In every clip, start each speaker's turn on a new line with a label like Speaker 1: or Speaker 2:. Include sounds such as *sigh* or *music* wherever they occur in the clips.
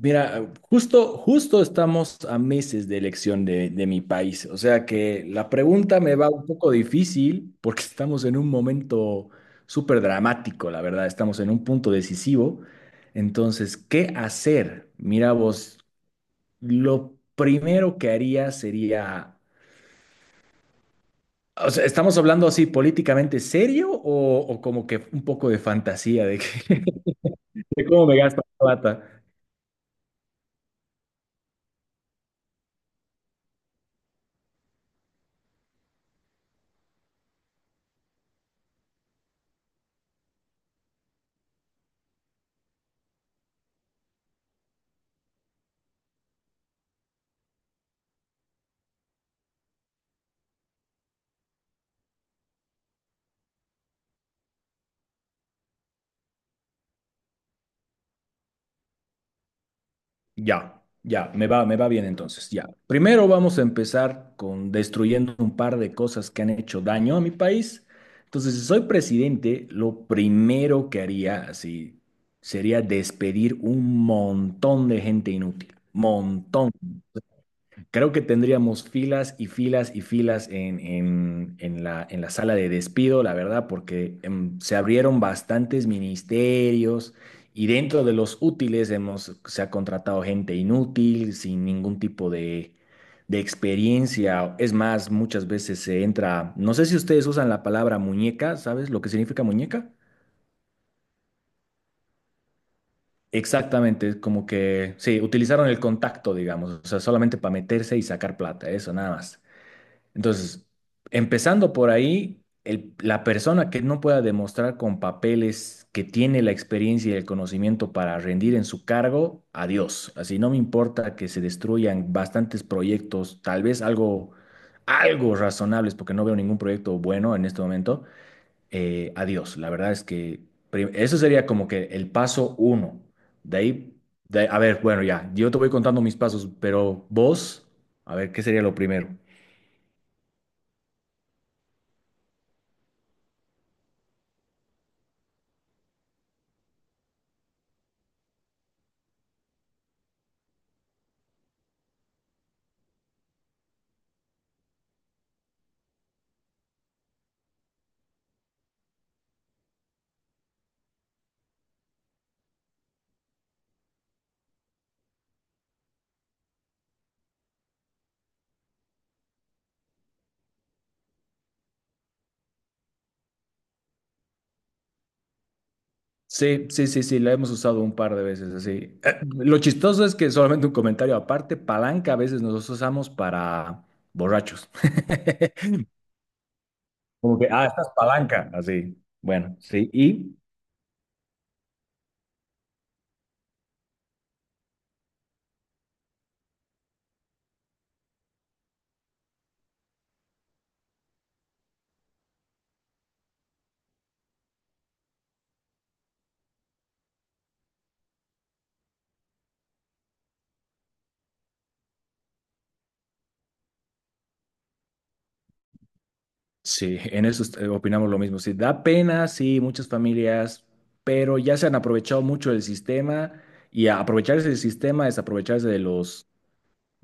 Speaker 1: Mira, justo estamos a meses de elección de mi país, o sea que la pregunta me va un poco difícil porque *laughs* estamos en un momento súper dramático, la verdad, estamos en un punto decisivo. Entonces, ¿qué hacer? Mira vos, lo primero que haría sería, o sea, ¿estamos hablando así políticamente serio o como que un poco de fantasía *laughs* de cómo me gasto la plata? Ya, ya, me va bien entonces, ya. Primero vamos a empezar con destruyendo un par de cosas que han hecho daño a mi país. Entonces, si soy presidente, lo primero que haría así sería despedir un montón de gente inútil, montón. Creo que tendríamos filas y filas y filas en la sala de despido, la verdad, porque se abrieron bastantes ministerios y dentro de los útiles hemos, se ha contratado gente inútil, sin ningún tipo de experiencia. Es más, muchas veces se entra, no sé si ustedes usan la palabra muñeca. ¿Sabes lo que significa muñeca? Exactamente, es como que, sí, utilizaron el contacto, digamos, o sea, solamente para meterse y sacar plata, eso nada más. Entonces, empezando por ahí, la persona que no pueda demostrar con papeles que tiene la experiencia y el conocimiento para rendir en su cargo, adiós. Así no me importa que se destruyan bastantes proyectos, tal vez algo razonables, porque no veo ningún proyecto bueno en este momento. Adiós. La verdad es que eso sería como que el paso uno. De ahí, a ver, bueno, ya, yo te voy contando mis pasos, pero vos, a ver, ¿qué sería lo primero? Sí, sí, sí, sí, la hemos usado un par de veces así. Lo chistoso es que, solamente un comentario aparte, palanca a veces nosotros usamos para borrachos. *laughs* Como que, ah, estás palanca, así. Bueno, sí, y sí, en eso opinamos lo mismo. Sí, da pena, sí, muchas familias, pero ya se han aprovechado mucho del sistema, y aprovecharse del sistema es aprovecharse de los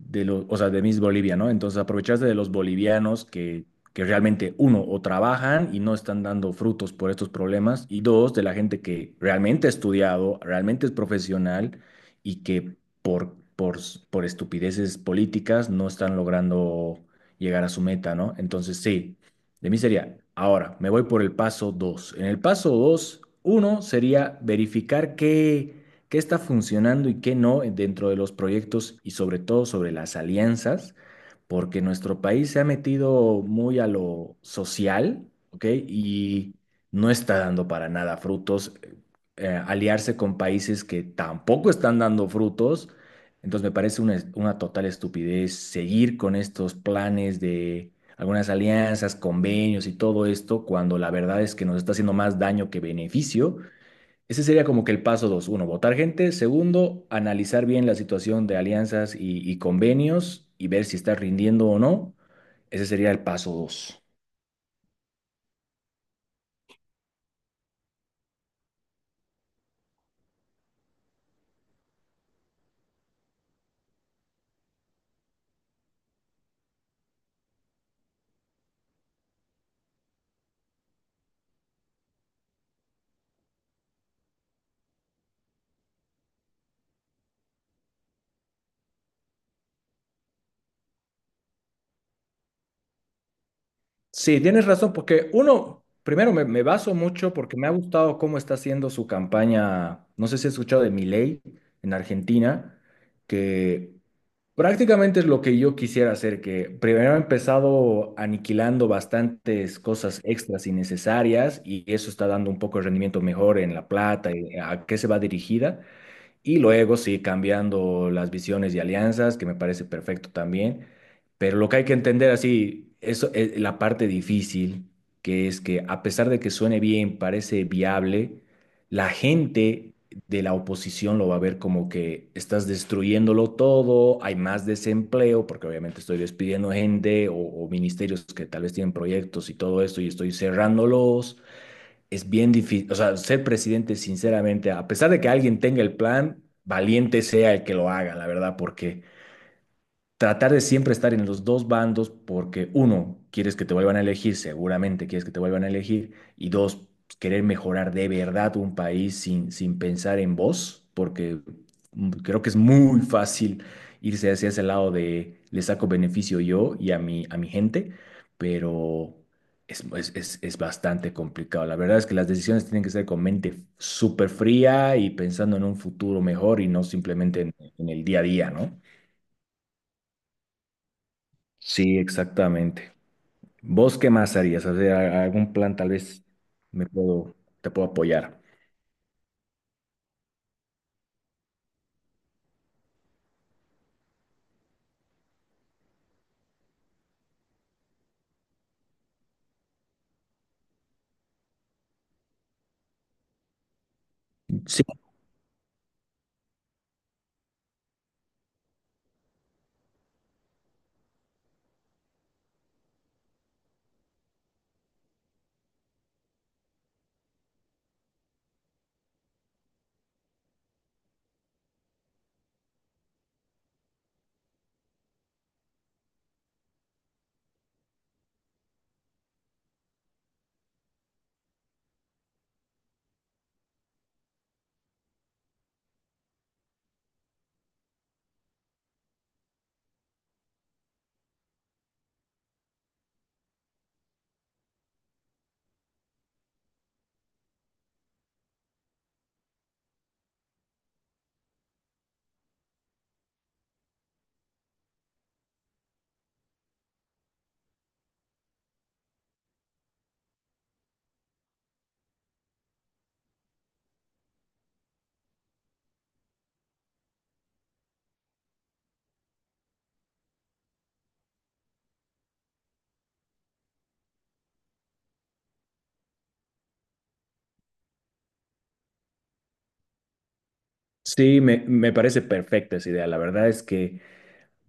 Speaker 1: de los, o sea, de Miss Bolivia, ¿no? Entonces aprovecharse de los bolivianos que realmente, uno, o trabajan y no están dando frutos por estos problemas, y dos, de la gente que realmente ha estudiado, realmente es profesional y que por, por, por estupideces políticas no están logrando llegar a su meta, ¿no? Entonces, sí, de mí sería, ahora, me voy por el paso dos. En el paso dos, uno sería verificar que qué está funcionando y qué no dentro de los proyectos y sobre todo sobre las alianzas, porque nuestro país se ha metido muy a lo social, ¿ok? Y no está dando para nada frutos. Aliarse con países que tampoco están dando frutos. Entonces me parece una total estupidez seguir con estos planes de algunas alianzas, convenios y todo esto, cuando la verdad es que nos está haciendo más daño que beneficio. Ese sería como que el paso dos. Uno, votar gente. Segundo, analizar bien la situación de alianzas y convenios y ver si está rindiendo o no. Ese sería el paso dos. Sí, tienes razón, porque uno, primero me baso mucho porque me ha gustado cómo está haciendo su campaña. No sé si has escuchado de Milei en Argentina. Que Prácticamente es lo que yo quisiera hacer, que primero he empezado aniquilando bastantes cosas extras innecesarias, y eso está dando un poco de rendimiento mejor en la plata y a qué se va dirigida. Y luego sí, cambiando las visiones y alianzas, que me parece perfecto también. Pero lo que hay que entender así, eso es la parte difícil, que es que a pesar de que suene bien, parece viable, la gente de la oposición lo va a ver como que estás destruyéndolo todo, hay más desempleo, porque obviamente estoy despidiendo gente o ministerios que tal vez tienen proyectos y todo esto y estoy cerrándolos. Es bien difícil, o sea, ser presidente, sinceramente, a pesar de que alguien tenga el plan, valiente sea el que lo haga, la verdad, porque tratar de siempre estar en los dos bandos, porque uno, quieres que te vuelvan a elegir, seguramente quieres que te vuelvan a elegir, y dos, querer mejorar de verdad un país sin pensar en vos, porque creo que es muy fácil irse hacia ese lado de le saco beneficio yo y a a mi gente, pero... Es bastante complicado. La verdad es que las decisiones tienen que ser con mente súper fría y pensando en un futuro mejor y no simplemente en el día a día, ¿no? Sí, exactamente. ¿Vos qué más harías? O sea, algún plan tal vez te puedo apoyar. Sí, sí, me parece perfecta esa idea. La verdad es que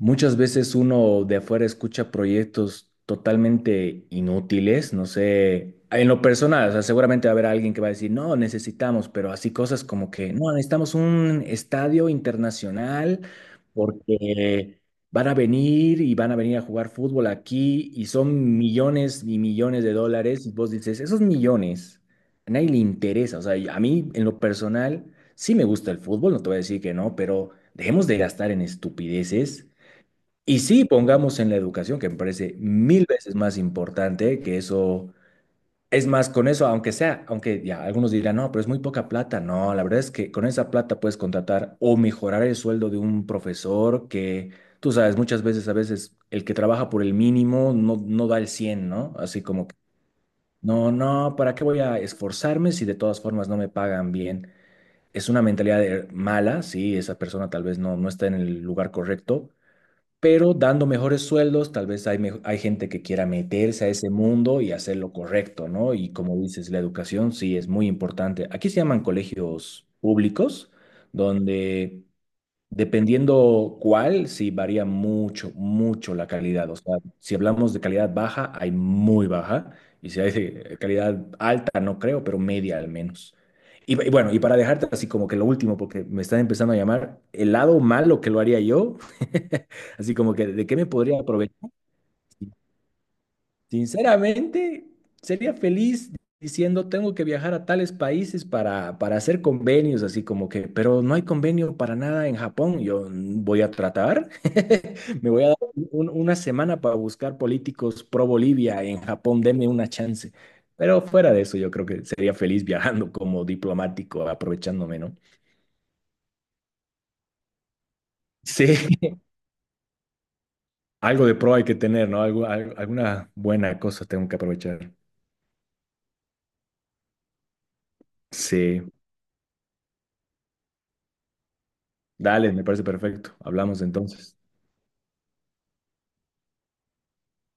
Speaker 1: muchas veces uno de afuera escucha proyectos totalmente inútiles, no sé, en lo personal, o sea, seguramente va a haber alguien que va a decir, no, necesitamos, pero así cosas como que, no, necesitamos un estadio internacional, porque van a venir y van a venir a jugar fútbol aquí y son millones y millones de dólares y vos dices, esos millones, a nadie le interesa, o sea, y a mí en lo personal sí me gusta el fútbol, no te voy a decir que no, pero dejemos de gastar en estupideces y sí, pongamos en la educación, que me parece mil veces más importante que eso. Es más, con eso, aunque sea, aunque ya algunos dirán, no, pero es muy poca plata. No, la verdad es que con esa plata puedes contratar o mejorar el sueldo de un profesor que, tú sabes, muchas veces, a veces, el que trabaja por el mínimo no da el cien, ¿no? Así como que, no, no, ¿para qué voy a esforzarme si de todas formas no me pagan bien? Es una mentalidad mala, sí, esa persona tal vez no está en el lugar correcto, pero dando mejores sueldos, tal vez hay gente que quiera meterse a ese mundo y hacer lo correcto, ¿no? Y como dices, la educación sí es muy importante. Aquí se llaman colegios públicos, donde, dependiendo cuál, sí varía mucho, mucho la calidad. O sea, si hablamos de calidad baja, hay muy baja. Y si hay de calidad alta, no creo, pero media al menos. Y bueno, y para dejarte así como que lo último, porque me están empezando a llamar, el lado malo que lo haría yo, *laughs* así como que, ¿de qué me podría aprovechar? Sinceramente, sería feliz diciendo tengo que viajar a tales países para hacer convenios, así como que, pero no hay convenio para nada en Japón. Yo "Mm, voy a tratar, *laughs* me voy a dar una semana para buscar políticos pro Bolivia en Japón, denme una chance". Pero fuera de eso, yo creo que sería feliz viajando como diplomático, aprovechándome, ¿no? Sí, *laughs* algo de pro hay que tener, ¿no? Algo, alguna buena cosa tengo que aprovechar. Sí, dale, me parece perfecto. Hablamos entonces.